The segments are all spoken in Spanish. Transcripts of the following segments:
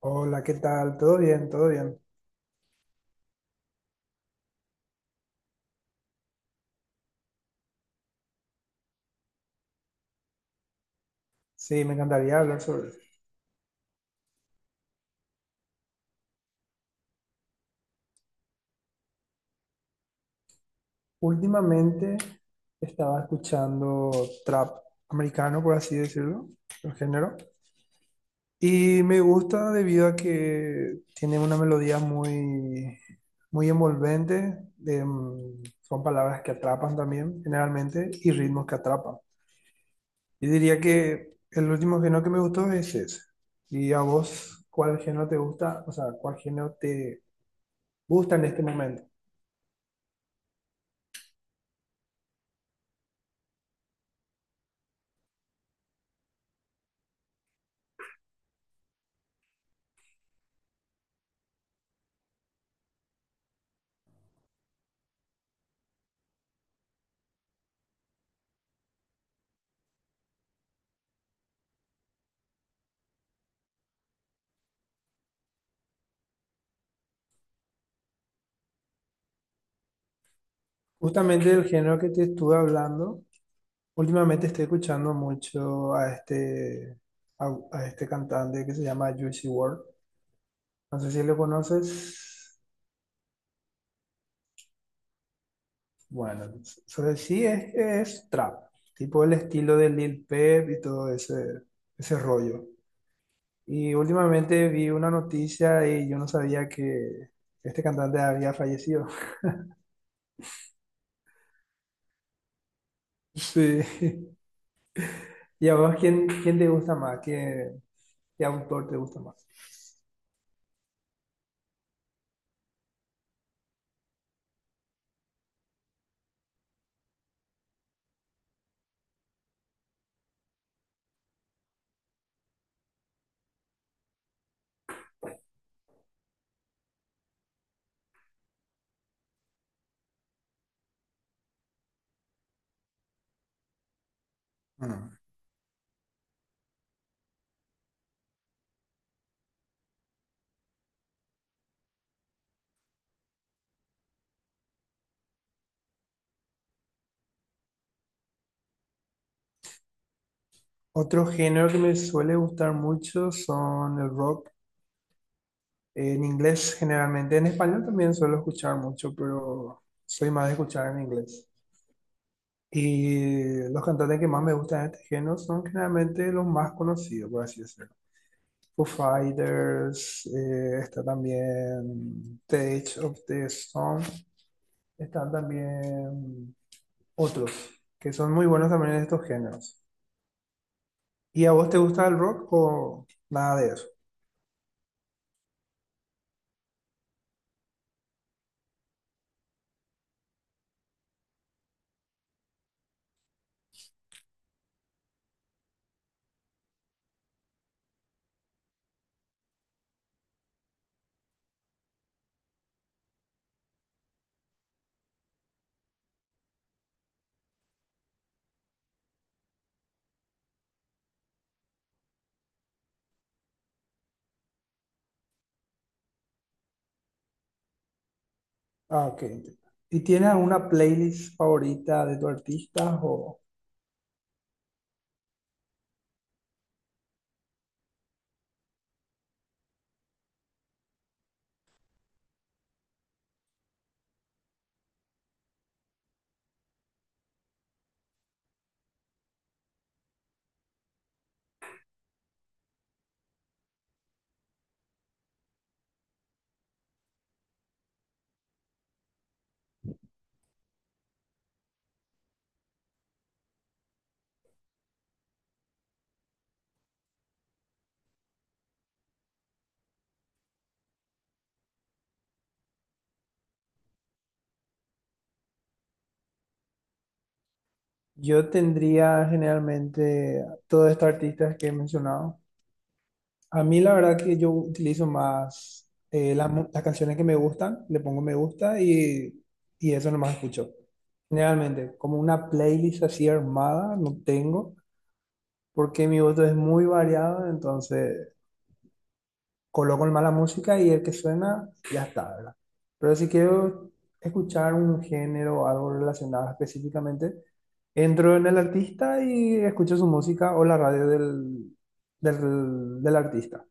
Hola, ¿qué tal? ¿Todo bien? ¿Todo bien? Sí, me encantaría hablar sobre eso. Últimamente estaba escuchando trap americano, por así decirlo, el género, y me gusta debido a que tiene una melodía muy, muy envolvente, son palabras que atrapan también, generalmente, y ritmos que atrapan. Y diría que el último género que me gustó es ese. ¿Y a vos cuál género te gusta? O sea, ¿cuál género te gusta en este momento? Justamente el género que te estuve hablando, últimamente estoy escuchando mucho a este, a este cantante que se llama Juicy WRLD. No sé si lo conoces. Bueno, sobre sí es que es trap, tipo el estilo de Lil Peep y todo ese rollo. Y últimamente vi una noticia y yo no sabía que este cantante había fallecido. Sí. ¿Y a vos quién te gusta más? ¿Qué, qué autor te gusta más? Mm. Otro género que me suele gustar mucho son el rock en inglés generalmente. En español también suelo escuchar mucho, pero soy más de escuchar en inglés. Y los cantantes que más me gustan de este género son generalmente los más conocidos, por así decirlo. Foo Fighters, está también The Edge of the Storm, están también otros que son muy buenos también en estos géneros. ¿Y a vos te gusta el rock o nada de eso? Ah, ok. ¿Y tienes alguna playlist favorita de tu artista? O yo tendría generalmente todos estos artistas que he mencionado. A mí la verdad que yo utilizo más las canciones que me gustan, le pongo me gusta y eso nomás escucho. Generalmente, como una playlist así armada, no tengo, porque mi voto es muy variado, entonces coloco el mala música y el que suena, ya está, ¿verdad? Pero si quiero escuchar un género o algo relacionado específicamente, entro en el artista y escucho su música o la radio del artista.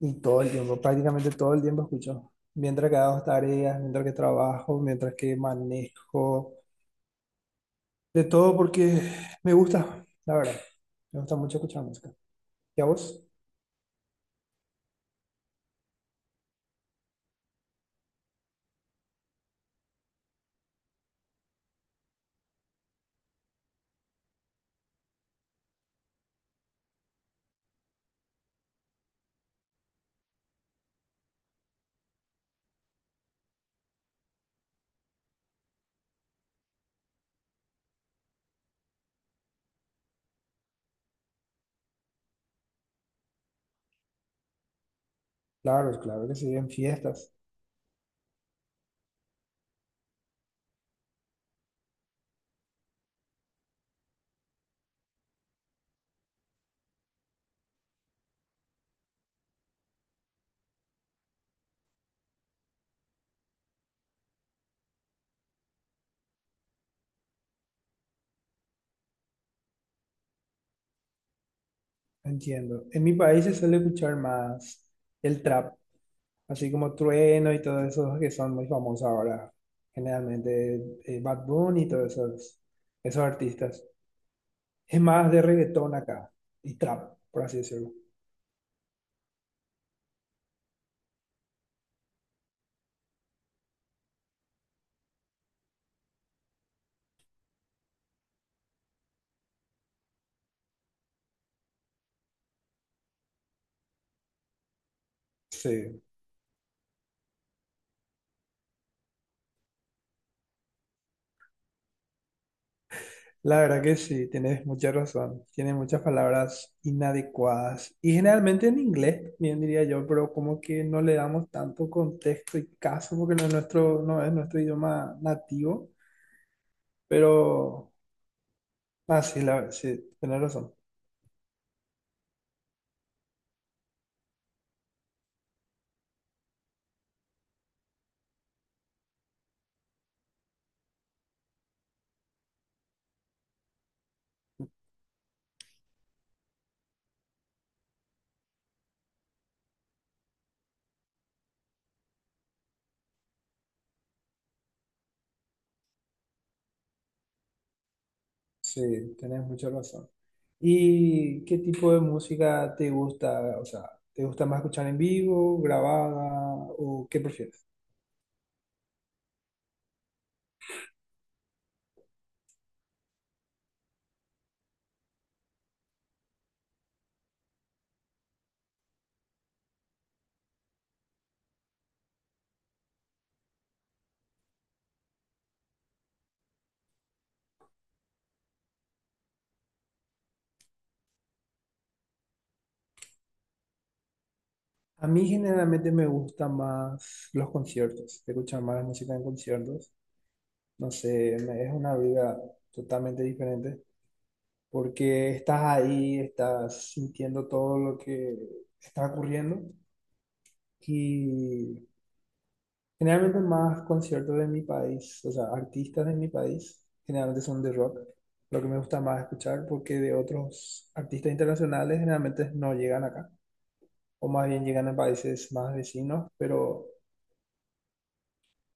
Y todo el tiempo, prácticamente todo el tiempo escucho. Mientras que hago tareas, mientras que trabajo, mientras que manejo, de todo porque me gusta, la verdad. Me gusta mucho escuchar música. ¿Y a vos? Claro, claro que sí, en fiestas. Entiendo. En mi país se suele escuchar más el trap, así como Trueno y todos esos que son muy famosos ahora, generalmente Bad Bunny y todos esos, esos artistas. Es más de reggaetón acá y trap, por así decirlo. Sí, la verdad que sí, tienes mucha razón. Tiene muchas palabras inadecuadas y generalmente en inglés, bien diría yo, pero como que no le damos tanto contexto y caso porque no es no es nuestro idioma nativo, pero... Ah, sí, tenés razón. Sí, tenés mucha razón. ¿Y qué tipo de música te gusta? O sea, ¿te gusta más escuchar en vivo, grabada o qué prefieres? A mí generalmente me gustan más los conciertos, escuchar más música en conciertos. No sé, es una vida totalmente diferente porque estás ahí, estás sintiendo todo lo que está ocurriendo y generalmente más conciertos de mi país, o sea, artistas de mi país, generalmente son de rock, lo que me gusta más escuchar porque de otros artistas internacionales generalmente no llegan acá, o más bien llegan a países más vecinos, pero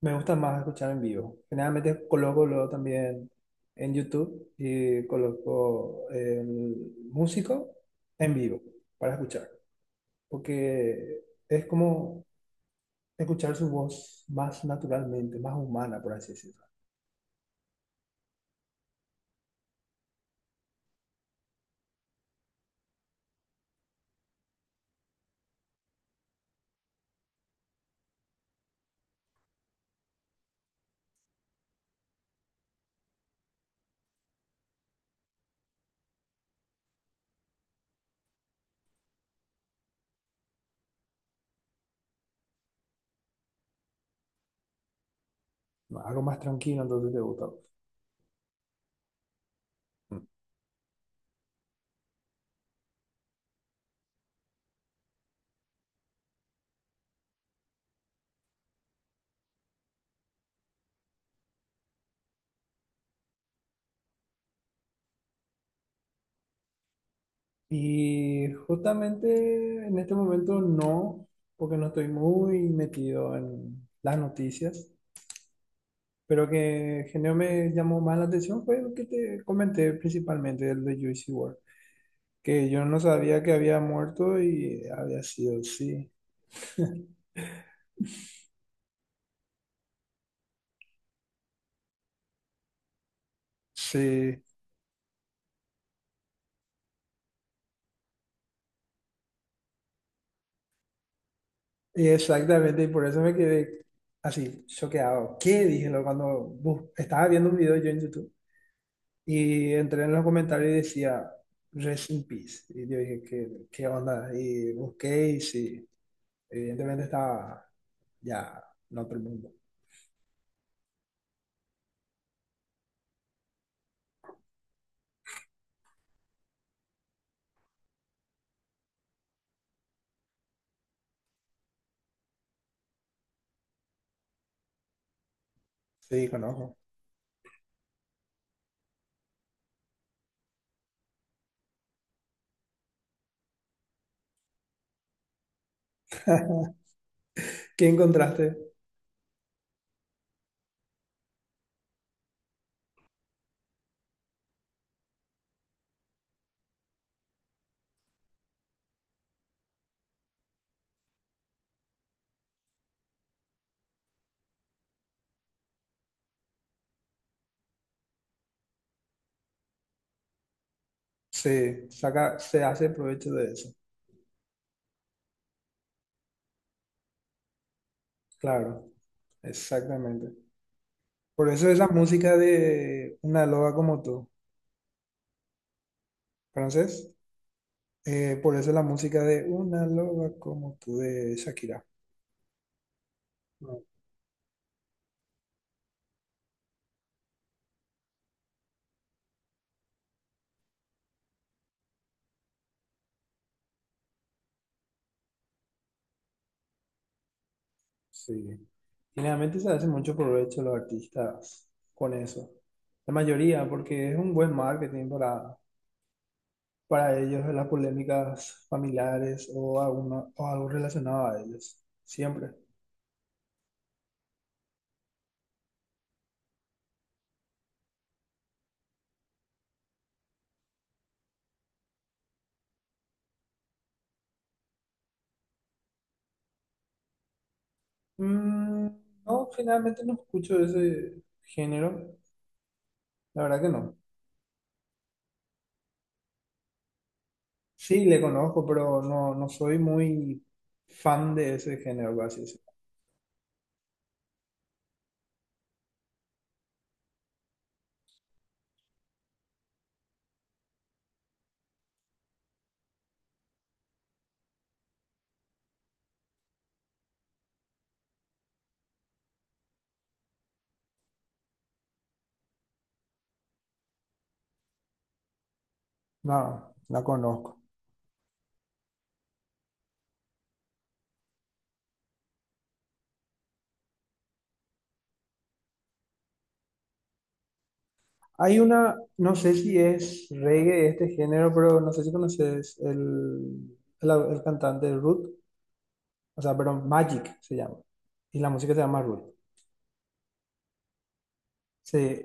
me gusta más escuchar en vivo. Generalmente coloco luego también en YouTube y coloco el músico en vivo para escuchar, porque es como escuchar su voz más naturalmente, más humana, por así decirlo. No, algo más tranquilo, entonces te gusta. Y justamente en este momento no, porque no estoy muy metido en las noticias, pero que genio me llamó más la atención fue lo que te comenté principalmente, el de Juicy WRLD, que yo no sabía que había muerto y había sido, sí, sí, y exactamente, y por eso me quedé así, choqueado. ¿Qué? Dije lo cuando estaba viendo un video yo en YouTube y entré en los comentarios y decía, "Rest in Peace". Y yo dije, ¿qué, qué onda? Y busqué y sí, evidentemente estaba ya en otro mundo. Sí, conozco. ¿Qué encontraste? Sí, saca, se hace provecho de eso. Claro, exactamente. Por eso es la música de una loba como tú, ¿conoces? Por eso la música de una loba como tú de Shakira. Sí. Generalmente se hace mucho provecho los artistas con eso. La mayoría, porque es un buen marketing para ellos, las polémicas familiares o, alguna, o algo relacionado a ellos. Siempre. Mm, no, generalmente no escucho ese género. La verdad que no. Sí, le conozco, pero no, no soy muy fan de ese género, por así decirlo. No, la conozco. Hay una, no sé si es reggae este género, pero no sé si conoces el cantante Ruth, o sea, perdón, Magic se llama, y la música se llama Ruth. Sí,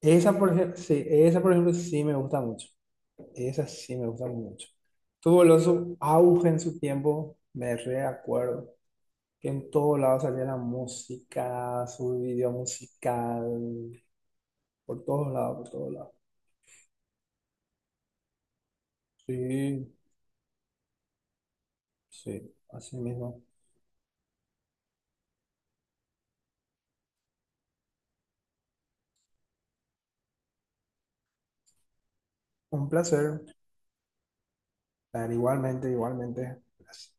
esa por ejemplo, sí, esa por ejemplo sí me gusta mucho, esa sí me gusta mucho. Tuvo el su auge en su tiempo, me reacuerdo, que en todos lados salía la música, su video musical, por todos lados, por todos lados. Sí, sí, así mismo. Un placer. Dale, igualmente, igualmente. Gracias.